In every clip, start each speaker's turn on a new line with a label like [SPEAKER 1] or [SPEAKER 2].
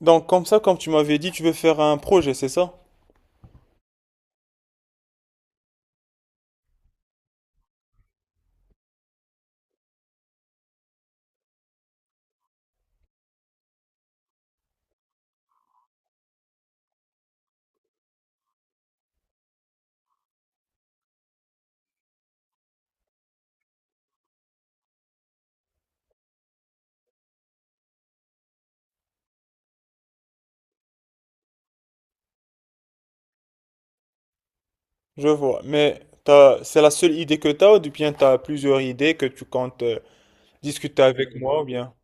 [SPEAKER 1] Donc comme ça, comme tu m'avais dit, tu veux faire un projet, c'est ça? Je vois. Mais t'as, c'est la seule idée que t'as ou bien t'as plusieurs idées que tu comptes discuter avec moi ou bien?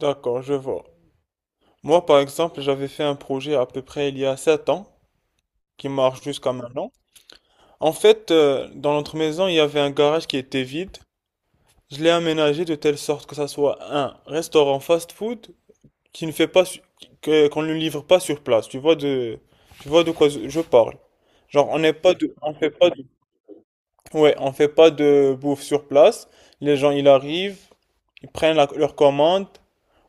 [SPEAKER 1] D'accord, je vois. Moi, par exemple, j'avais fait un projet à peu près il y a 7 ans qui marche jusqu'à maintenant. En fait, dans notre maison, il y avait un garage qui était vide. Je l'ai aménagé de telle sorte que ça soit un restaurant fast-food qui ne fait pas qu'on ne livre pas sur place. Tu vois de quoi je parle. Genre on n'est pas de on fait pas. Ouais, on fait pas de bouffe sur place. Les gens, ils arrivent, ils prennent leur commande,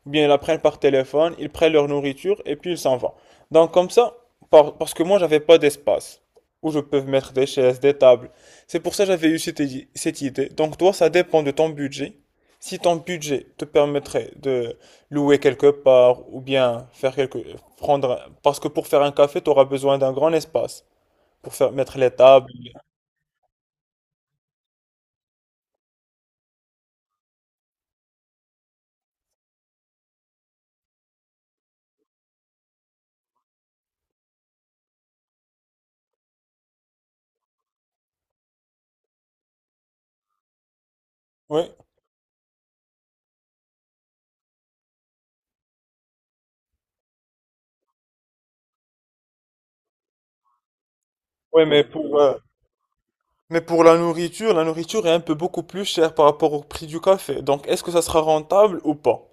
[SPEAKER 1] ou bien ils la prennent par téléphone, ils prennent leur nourriture et puis ils s'en vont. Donc comme ça, parce que moi, j'avais pas d'espace où je peux mettre des chaises, des tables. C'est pour ça que j'avais eu cette idée. Donc toi, ça dépend de ton budget. Si ton budget te permettrait de louer quelque part ou bien faire quelque prendre, parce que pour faire un café, tu auras besoin d'un grand espace pour faire mettre les tables. Ouais, ouais, mais pour la nourriture est un peu beaucoup plus chère par rapport au prix du café. Donc, est-ce que ça sera rentable ou pas?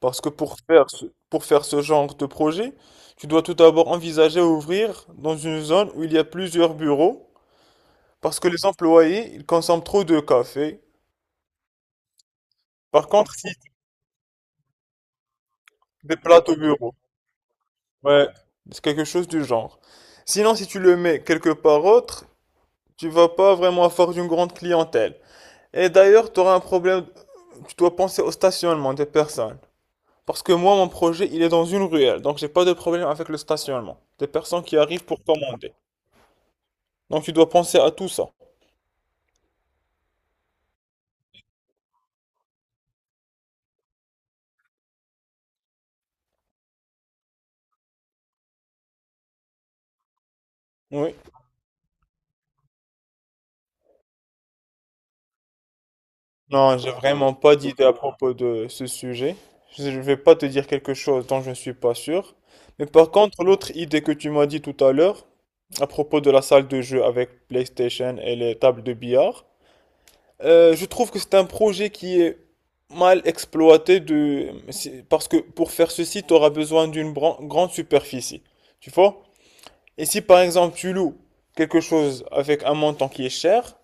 [SPEAKER 1] Parce que pour faire ce genre de projet, tu dois tout d'abord envisager ouvrir dans une zone où il y a plusieurs bureaux, parce que les employés, ils consomment trop de café. Par contre, si des plateaux bureaux. Ouais, c'est quelque chose du genre. Sinon, si tu le mets quelque part autre, tu vas pas vraiment avoir une grande clientèle. Et d'ailleurs, tu auras un problème, tu dois penser au stationnement des personnes. Parce que moi, mon projet, il est dans une ruelle, donc j'ai pas de problème avec le stationnement des personnes qui arrivent pour commander. Donc tu dois penser à tout ça. Oui. Non, j'ai vraiment pas d'idée à propos de ce sujet. Je ne vais pas te dire quelque chose dont je ne suis pas sûr. Mais par contre, l'autre idée que tu m'as dit tout à l'heure, à propos de la salle de jeu avec PlayStation et les tables de billard. Je trouve que c'est un projet qui est mal exploité parce que pour faire ceci, tu auras besoin d'une grande superficie. Tu vois? Et si par exemple tu loues quelque chose avec un montant qui est cher,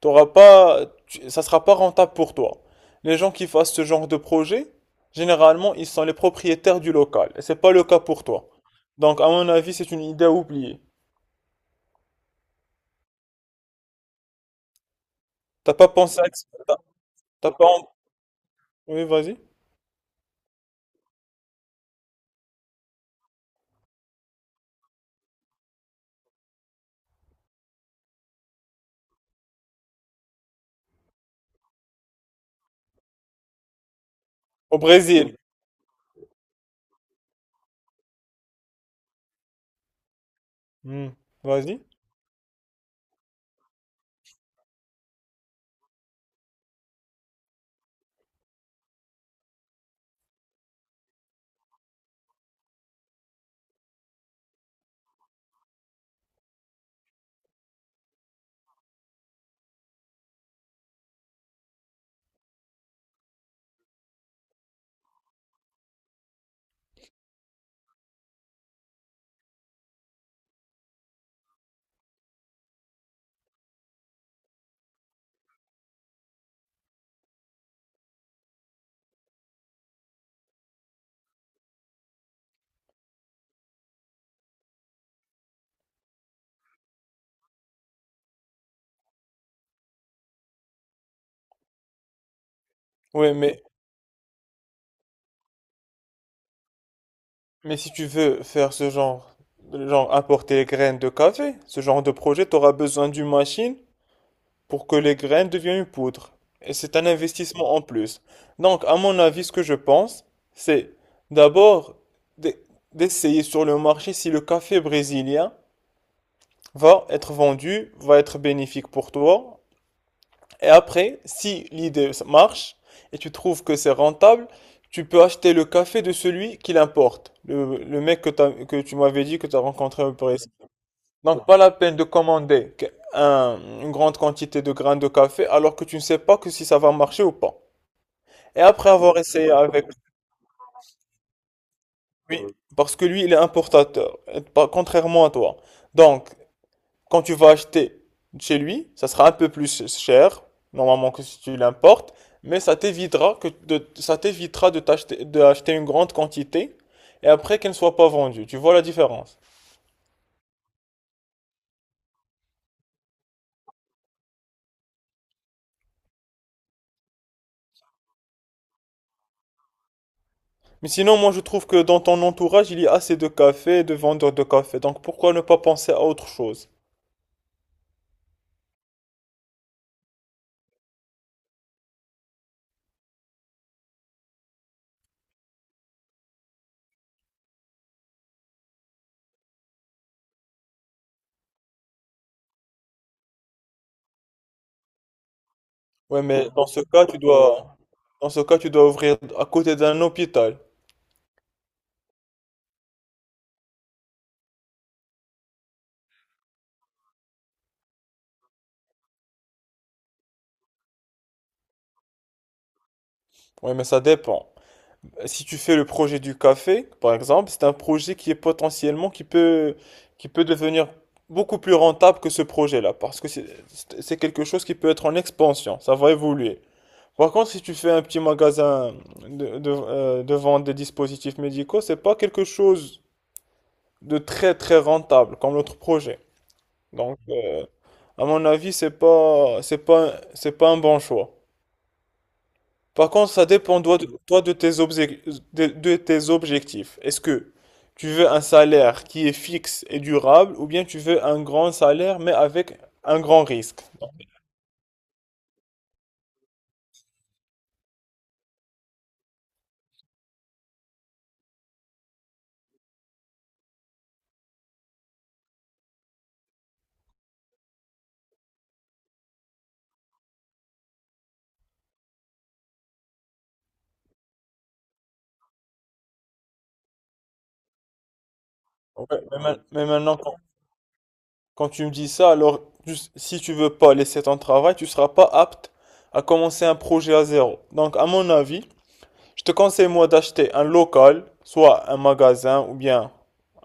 [SPEAKER 1] t'auras pas, tu- ça sera pas rentable pour toi. Les gens qui fassent ce genre de projet, généralement, ils sont les propriétaires du local. Et c'est pas le cas pour toi. Donc, à mon avis, c'est une idée à oublier. T'as pas pensé à, t'as pas Oui, vas-y. Au Brésil. Hmm. Vas-y. Oui, mais si tu veux faire ce genre, genre apporter les graines de café, ce genre de projet, tu auras besoin d'une machine pour que les graines deviennent une poudre. Et c'est un investissement en plus. Donc, à mon avis, ce que je pense, c'est d'abord d'e- d'essayer sur le marché si le café brésilien va être vendu, va être bénéfique pour toi. Et après, si l'idée marche et tu trouves que c'est rentable, tu peux acheter le café de celui qui l'importe. Le mec que tu m'avais dit que tu as rencontré au Brésil. Donc, pas la peine de commander une grande quantité de grains de café alors que tu ne sais pas que si ça va marcher ou pas. Et après avoir essayé avec lui, parce que lui, il est importateur, et contrairement à toi. Donc, quand tu vas acheter chez lui, ça sera un peu plus cher, normalement, que si tu l'importes, mais ça t'évitera de acheter une grande quantité et après qu'elle ne soit pas vendue. Tu vois la différence? Mais sinon, moi, je trouve que dans ton entourage, il y a assez de cafés et de vendeurs de café. Donc, pourquoi ne pas penser à autre chose? Ouais, mais dans ce cas, dans ce cas, tu dois ouvrir à côté d'un hôpital. Oui, mais ça dépend. Si tu fais le projet du café, par exemple, c'est un projet qui est potentiellement, qui peut devenir beaucoup plus rentable que ce projet-là, parce que c'est quelque chose qui peut être en expansion, ça va évoluer. Par contre, si tu fais un petit magasin de vente des dispositifs médicaux, c'est pas quelque chose de très très rentable comme l'autre projet. Donc, à mon avis, c'est pas un bon choix. Par contre, ça dépend toi de tes objectifs. Est-ce que tu veux un salaire qui est fixe et durable ou bien tu veux un grand salaire mais avec un grand risque? Ouais, mais mais maintenant, quand tu me dis ça, alors si tu veux pas laisser ton travail, tu seras pas apte à commencer un projet à zéro. Donc, à mon avis, je te conseille moi d'acheter un local, soit un magasin ou bien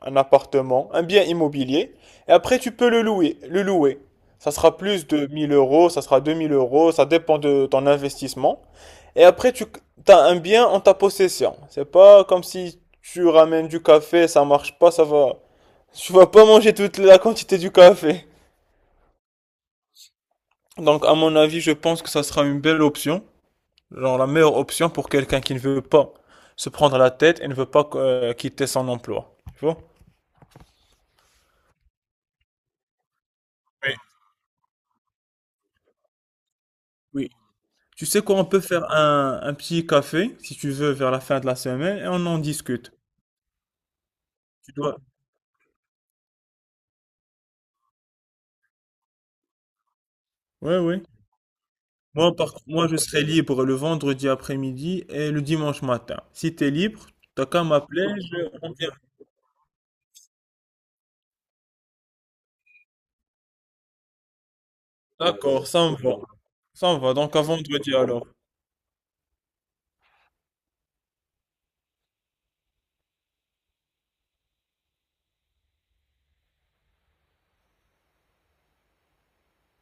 [SPEAKER 1] un appartement, un bien immobilier, et après tu peux le louer. Ça sera plus de 1 000 euros, ça sera 2 000 euros, ça dépend de ton investissement. Et après tu as un bien en ta possession. C'est pas comme si tu ramènes du café, ça marche pas, ça va. Tu vas pas manger toute la quantité du café. Donc à mon avis, je pense que ça sera une belle option. Genre la meilleure option pour quelqu'un qui ne veut pas se prendre la tête et ne veut pas quitter son emploi. Tu vois? Oui. Oui. Tu sais quoi, on peut faire un petit café, si tu veux, vers la fin de la semaine et on en discute. Tu dois. Oui, oui. Moi, par... Moi, je serai libre le vendredi après-midi et le dimanche matin. Si tu es libre, t'as qu'à m'appeler, je... on vient. D'accord, ça me va. Ça me va, donc à vendredi alors.